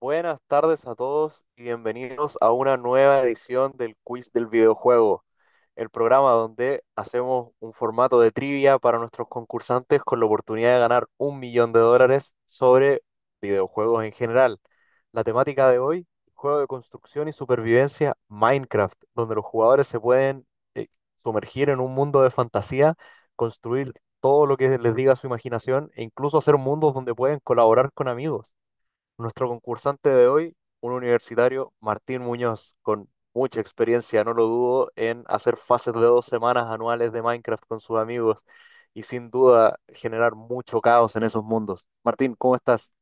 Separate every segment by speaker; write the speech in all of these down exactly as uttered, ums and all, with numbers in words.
Speaker 1: Buenas tardes a todos y bienvenidos a una nueva edición del Quiz del Videojuego, el programa donde hacemos un formato de trivia para nuestros concursantes con la oportunidad de ganar un millón de dólares sobre videojuegos en general. La temática de hoy, juego de construcción y supervivencia Minecraft, donde los jugadores se pueden eh, sumergir en un mundo de fantasía, construir todo lo que les diga su imaginación e incluso hacer mundos donde pueden colaborar con amigos. Nuestro concursante de hoy, un universitario, Martín Muñoz, con mucha experiencia, no lo dudo, en hacer fases de dos semanas anuales de Minecraft con sus amigos y sin duda generar mucho caos en esos mundos. Martín, ¿cómo estás?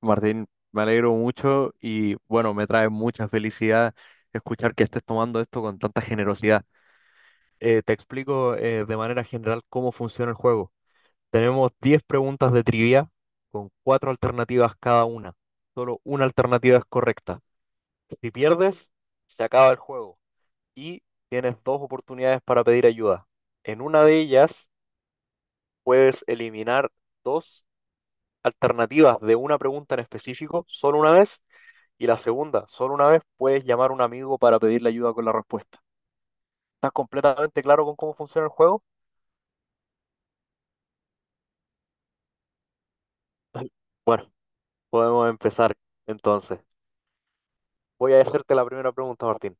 Speaker 1: Martín, me alegro mucho y bueno, me trae mucha felicidad escuchar que estés tomando esto con tanta generosidad. Eh, te explico eh, de manera general cómo funciona el juego. Tenemos diez preguntas de trivia con cuatro alternativas cada una. Solo una alternativa es correcta. Si pierdes, se acaba el juego y tienes dos oportunidades para pedir ayuda. En una de ellas puedes eliminar dos alternativas de una pregunta en específico solo una vez y la segunda solo una vez puedes llamar a un amigo para pedirle ayuda con la respuesta. ¿Estás completamente claro con cómo funciona el juego? Bueno, podemos empezar entonces. Voy a hacerte la primera pregunta, Martín.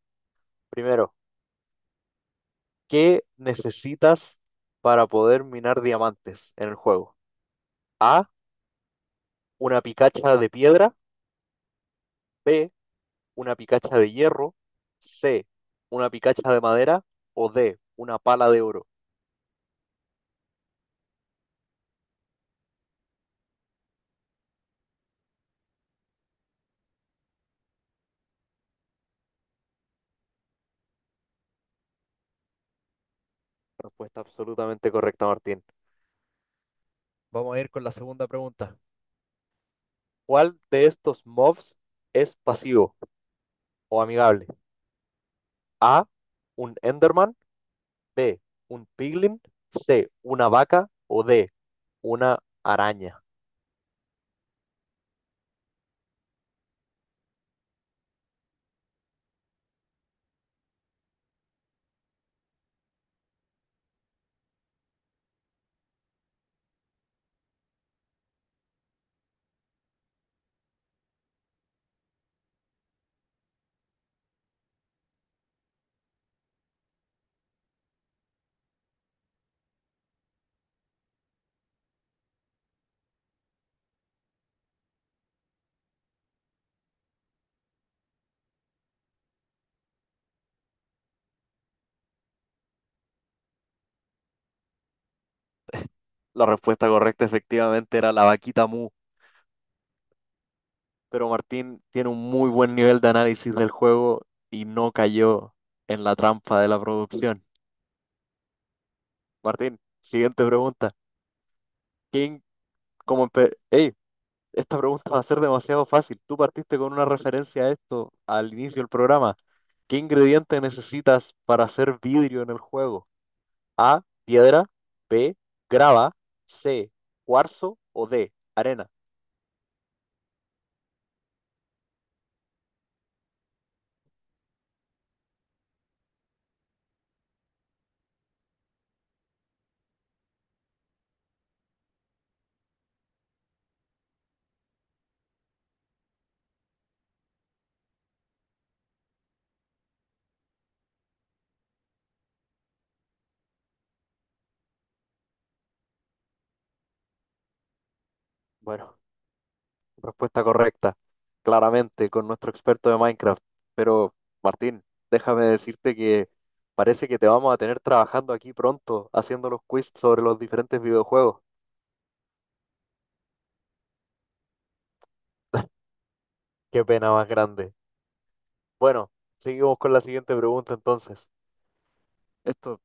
Speaker 1: Primero, ¿qué necesitas para poder minar diamantes en el juego? A, una picacha de piedra; B, una picacha de hierro; C, una picacha de madera; o D, una pala de oro. Respuesta absolutamente correcta, Martín. Vamos a ir con la segunda pregunta. ¿Cuál de estos mobs es pasivo o amigable? A, un Enderman; B, un Piglin; C, una vaca; o D, una araña. La respuesta correcta efectivamente era la vaquita Mu, pero Martín tiene un muy buen nivel de análisis del juego y no cayó en la trampa de la producción. Martín, siguiente pregunta. ¿Quién, como empe- Ey, esta pregunta va a ser demasiado fácil. Tú partiste con una referencia a esto al inicio del programa. ¿Qué ingrediente necesitas para hacer vidrio en el juego? A, piedra; B, grava; C, cuarzo; o D, arena. Bueno, respuesta correcta, claramente, con nuestro experto de Minecraft. Pero, Martín, déjame decirte que parece que te vamos a tener trabajando aquí pronto, haciendo los quiz sobre los diferentes videojuegos. Qué pena más grande. Bueno, seguimos con la siguiente pregunta entonces. Esto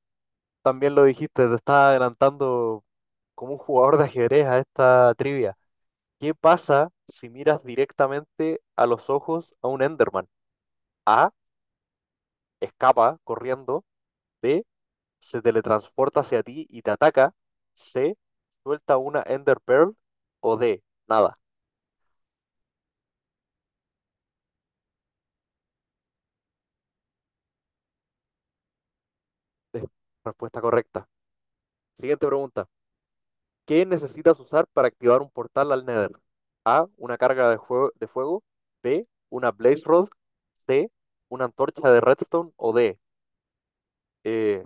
Speaker 1: también lo dijiste, te estás adelantando como un jugador de ajedrez a esta trivia. ¿Qué pasa si miras directamente a los ojos a un Enderman? A, escapa corriendo; B, se teletransporta hacia ti y te ataca; C, suelta una Ender Pearl; o D, nada. Es respuesta correcta. Siguiente pregunta. ¿Qué necesitas usar para activar un portal al Nether? A, una carga de, jue- de fuego; B, una Blaze Rod; C, una antorcha de redstone; o D, eh,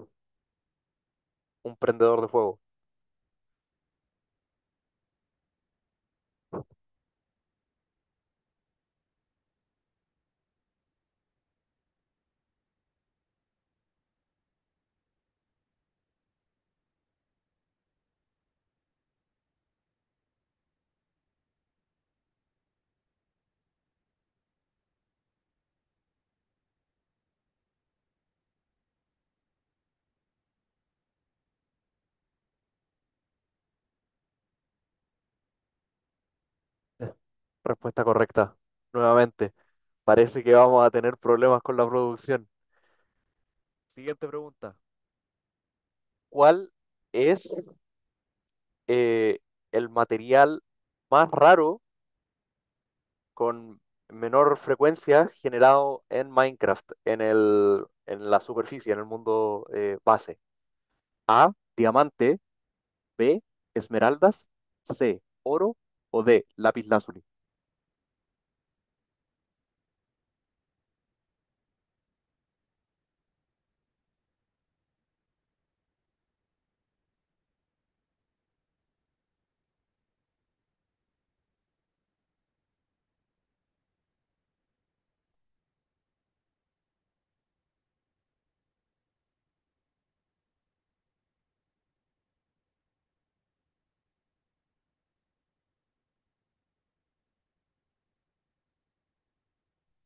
Speaker 1: un prendedor de fuego. Eh, Respuesta correcta. Nuevamente. Parece que vamos a tener problemas con la producción. Siguiente pregunta. ¿Cuál es eh, el material más raro con menor frecuencia generado en Minecraft, en el, en la superficie, en el mundo eh, base? A, diamante; B, esmeraldas; C, oro; o D, lapislázuli.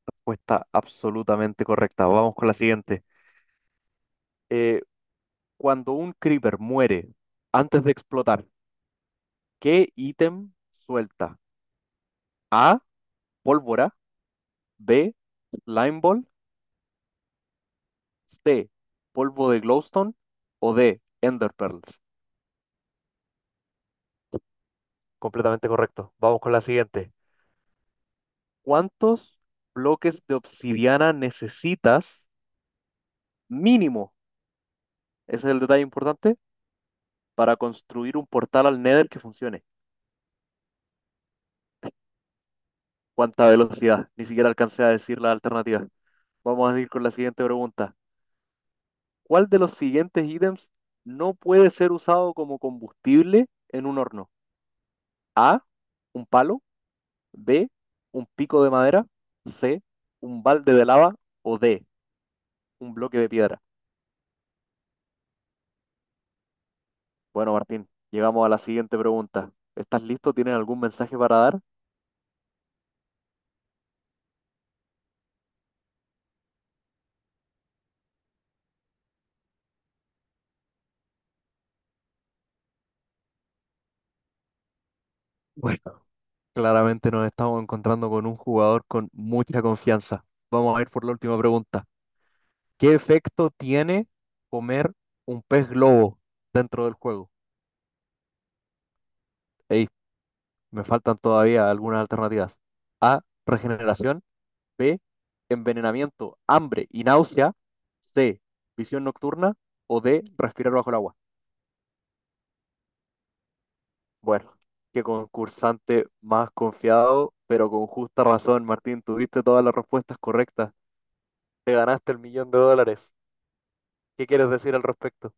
Speaker 1: Respuesta absolutamente correcta. Vamos con la siguiente. Eh, Cuando un creeper muere antes de explotar, ¿qué ítem suelta? A, pólvora; B, slime ball; C, polvo de glowstone; o D, enderpearls. Completamente correcto. Vamos con la siguiente. ¿Cuántos bloques de obsidiana necesitas mínimo? Ese es el detalle importante para construir un portal al Nether que funcione. ¿Cuánta velocidad? Ni siquiera alcancé a decir la alternativa. Vamos a ir con la siguiente pregunta. ¿Cuál de los siguientes ítems no puede ser usado como combustible en un horno? A, un palo; B, un pico de madera; C, un balde de lava; o D, un bloque de piedra. Bueno, Martín, llegamos a la siguiente pregunta. ¿Estás listo? ¿Tienes algún mensaje para dar? Bueno, claramente nos estamos encontrando con un jugador con mucha confianza. Vamos a ir por la última pregunta. ¿Qué efecto tiene comer un pez globo dentro del juego? Ey, me faltan todavía algunas alternativas. A, regeneración; B, envenenamiento, hambre y náusea; C, visión nocturna; o D, respirar bajo el agua. Bueno, qué concursante más confiado, pero con justa razón, Martín, tuviste todas las respuestas correctas. Te ganaste el millón de dólares. ¿Qué quieres decir al respecto?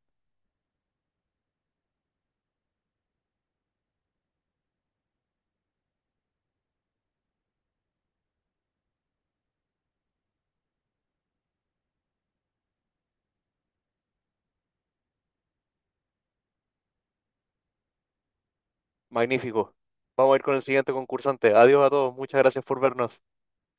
Speaker 1: Magnífico. Vamos a ir con el siguiente concursante. Adiós a todos. Muchas gracias por vernos.